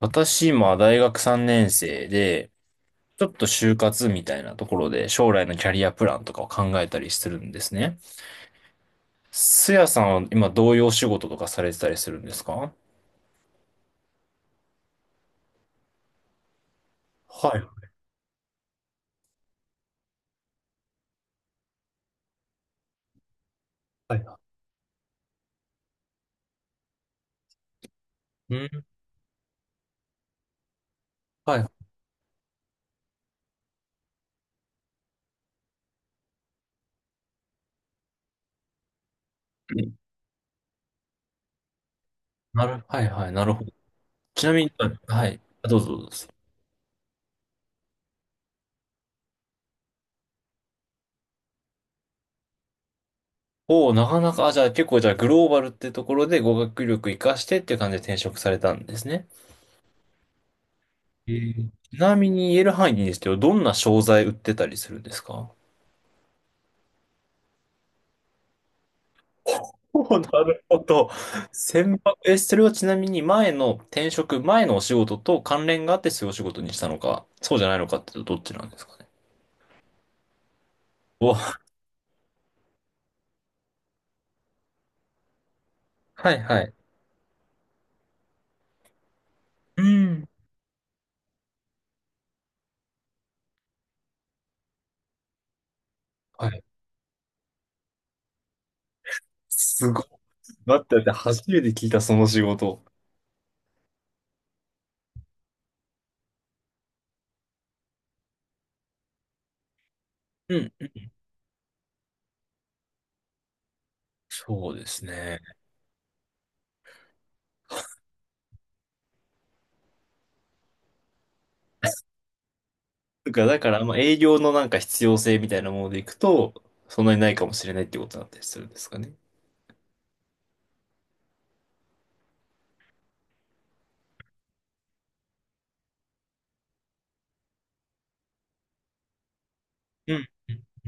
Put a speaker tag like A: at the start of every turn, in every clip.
A: 私今大学3年生で、ちょっと就活みたいなところで将来のキャリアプランとかを考えたりするんですね。すやさんは今どういうお仕事とかされてたりするんですか？はい。うん。はい。なる、はいはい、なるほど。ちなみに、はい。あ、どうぞどうぞ。おお、なかなか、あ、じゃあ結構じゃあグローバルってところで語学力活かしてっていう感じで転職されたんですね。ちなみに言える範囲でいいんですけど、どんな商材売ってたりするんですか？おー、なるほど。千万、え、それはちなみに前のお仕事と関連があってそういうお仕事にしたのか、そうじゃないのかってどっちなんですかね。お、はいはい。うん。はい。すごい。待って待って、初めて聞いたその仕事。うんうん。そうですね。だだから、まあ、営業のなんか必要性みたいなものでいくと、そんなにないかもしれないってことだったりするんですかね。うんうん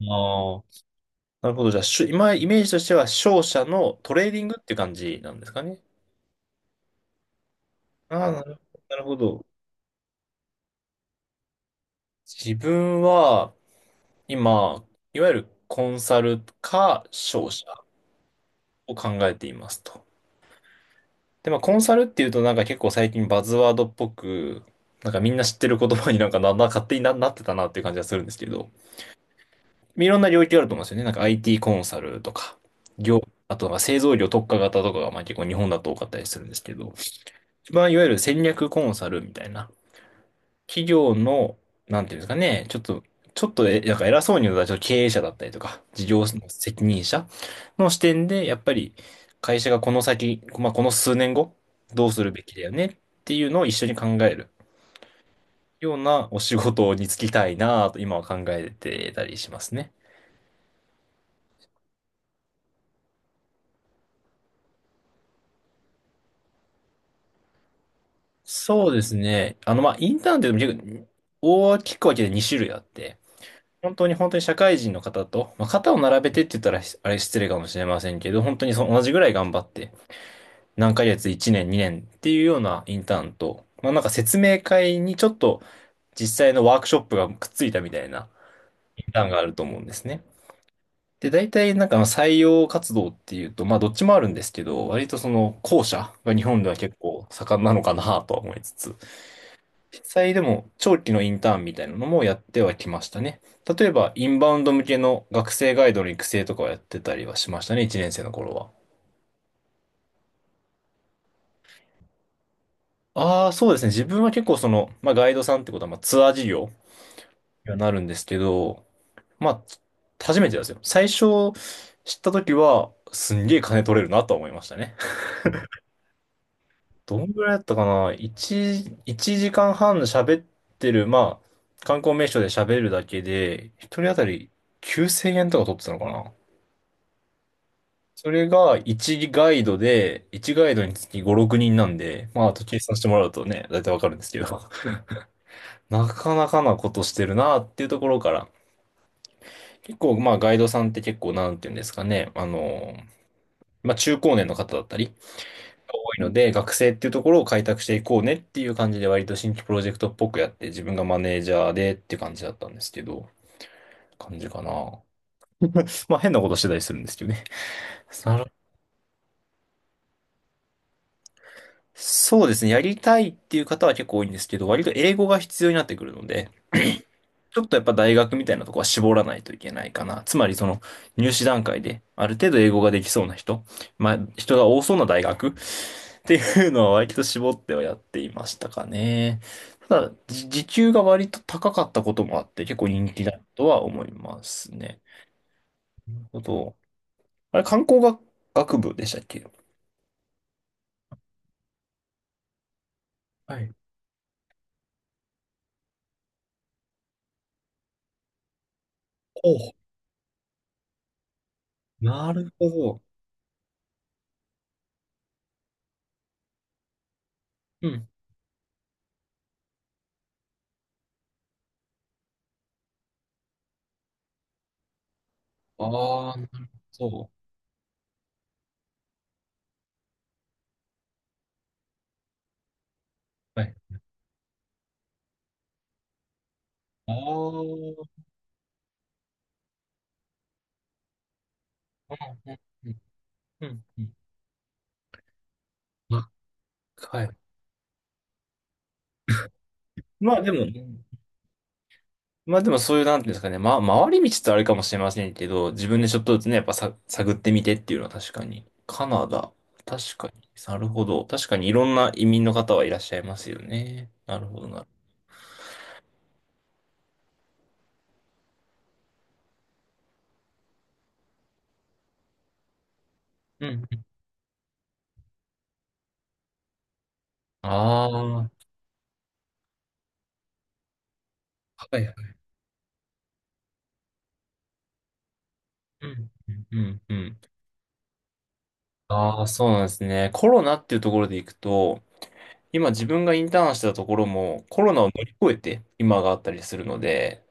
A: うん。ああ。なるほど。じゃあ、今、イメージとしては、商社のトレーディングっていう感じなんですかね。ああ、なるほど。自分は、今、いわゆるコンサルか商社を考えていますと。で、まあ、コンサルっていうと、なんか結構最近バズワードっぽく、なんかみんな知ってる言葉になんか勝手になってたなっていう感じがするんですけど、いろんな領域があると思うんですよね。なんか IT コンサルとか、業、あとは製造業特化型とかが、まあ結構日本だと多かったりするんですけど、一番いわゆる戦略コンサルみたいな、企業の、なんていうんですかね、ちょっと、なんか偉そうに言うと、ちょっと経営者だったりとか、事業の責任者の視点で、やっぱり会社がこの先、まあ、この数年後、どうするべきだよねっていうのを一緒に考えるようなお仕事に就きたいなと今は考えてたりしますね。そうですね。あの、まあ、インターンってでも結構大きく分けて2種類あって、本当に本当に社会人の方と、まあ、肩を並べてって言ったらあれ失礼かもしれませんけど、本当にその同じぐらい頑張って、何ヶ月、1年、2年っていうようなインターンと、まあなんか説明会にちょっと実際のワークショップがくっついたみたいなインターンがあると思うんですね。で、大体なんかまあ採用活動っていうと、まあどっちもあるんですけど、割とその後者が日本では結構盛んなのかなとは思いつつ、実際でも長期のインターンみたいなのもやってはきましたね。例えばインバウンド向けの学生ガイドの育成とかをやってたりはしましたね、1年生の頃は。ああ、そうですね。自分は結構その、まあ、ガイドさんってことは、まあ、ツアー事業にはなるんですけど、まあ、初めてですよ。最初知った時は、すんげえ金取れるなとは思いましたね。どんぐらいだったかな ?1、一時間半喋ってる、まあ、観光名所で喋るだけで、一人当たり9000円とか取ってたのかな。それが1ガイドで、1ガイドにつき5、6人なんで、まあ、あと計算してもらうとね、だいたいわかるんですけど、なかなかなことしてるなっていうところから、結構、まあ、ガイドさんって結構、なんていうんですかね。あの、まあ、中高年の方だったり、多いので、学生っていうところを開拓していこうねっていう感じで、割と新規プロジェクトっぽくやって、自分がマネージャーでっていう感じだったんですけど、感じかな。まあ、変なことしてたりするんですけどね。なるそうですね。やりたいっていう方は結構多いんですけど、割と英語が必要になってくるので、ちょっとやっぱ大学みたいなとこは絞らないといけないかな。つまりその入試段階である程度英語ができそうな人、まあ人が多そうな大学っていうのは割と絞ってはやっていましたかね。ただ、時給が割と高かったこともあって結構人気だとは思いますね。なるほど。あれ、観光学、学部でしたっけ？はい。おう、なるほど。うん。ああ、なるほど。はい。ああ、うん、うん、うん。うんうん、あ、はい。まあでも、まあでもそういう、なんていうんですかね、回り道ってあれかもしれませんけど、自分でちょっとずつね、やっぱさ、探ってみてっていうのは確かに。カナダ、確かに。なるほど。確かにいろんな移民の方はいらっしゃいますよね。なるほどな。うん。ああ、はいはい。うん、うん、うん。うん、ああ、そうなんですね。コロナっていうところでいくと、今自分がインターンしてたところもコロナを乗り越えて今があったりするので、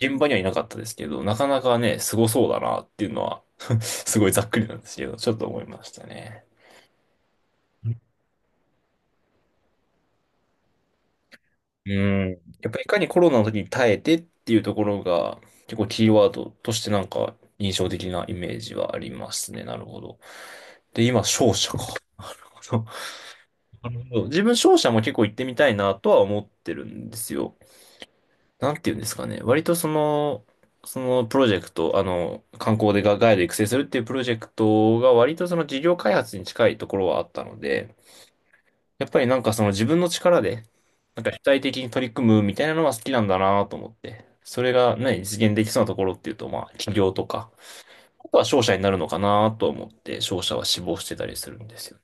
A: 現場にはいなかったですけど、なかなかね、すごそうだなっていうのは すごいざっくりなんですけど、ちょっと思いましたね。うん。やっぱりいかにコロナの時に耐えてっていうところが結構キーワードとしてなんか印象的なイメージはありますね。なるほど。で、今、商社か。なるほど、自分商社も結構行ってみたいなとは思ってるんですよ。なんていうんですかね。割とそのプロジェクト、あの、観光でガイド育成するっていうプロジェクトが割とその事業開発に近いところはあったので、やっぱりなんかその自分の力で、なんか主体的に取り組むみたいなのは好きなんだなと思って、それがね、実現できそうなところっていうと、まあ、企業とか、あとは商社になるのかなと思って、商社は志望してたりするんですよね。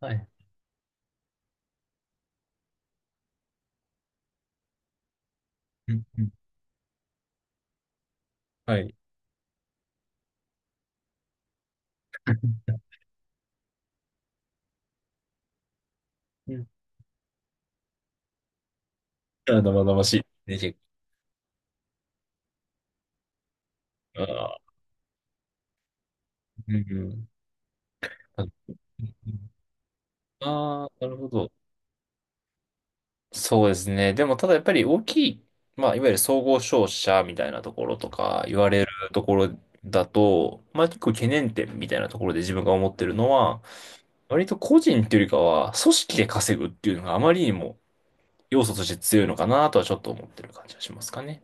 A: はい。うんうん、はい。うん、あ、生々しいね。結構、あー、うんうん、あ、うんうん、あー、なるほど。そうですね。でも、ただやっぱり大きい、まあ、いわゆる総合商社みたいなところとか言われるところだと、まあ、結構懸念点みたいなところで自分が思ってるのは、割と個人っていうよりかは、組織で稼ぐっていうのがあまりにも要素として強いのかなとはちょっと思ってる感じがしますかね。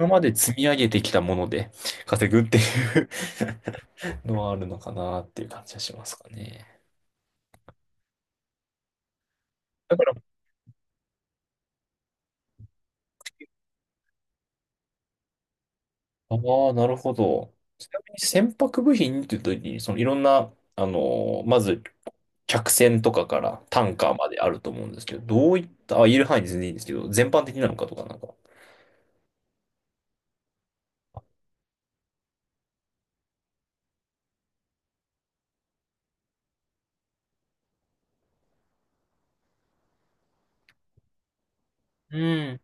A: 今まで積み上げてきたもので稼ぐっていう のはあるのかなっていう感じがしますかね。だから、ああ、なるほど。ちなみに船舶部品っていうときに、そのいろんな、あのまず、客船とかからタンカーまであると思うんですけど、どういった、あ、言える範囲で全然いいんですけど、全般的なのかとかなんか。うん、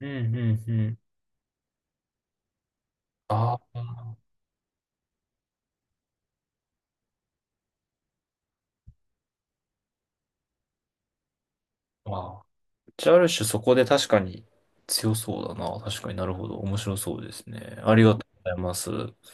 A: うん、うん、うん。ああ、まあ。じゃあ、ある種そこで確かに強そうだな。確かになるほど。面白そうですね。ありがとうございます。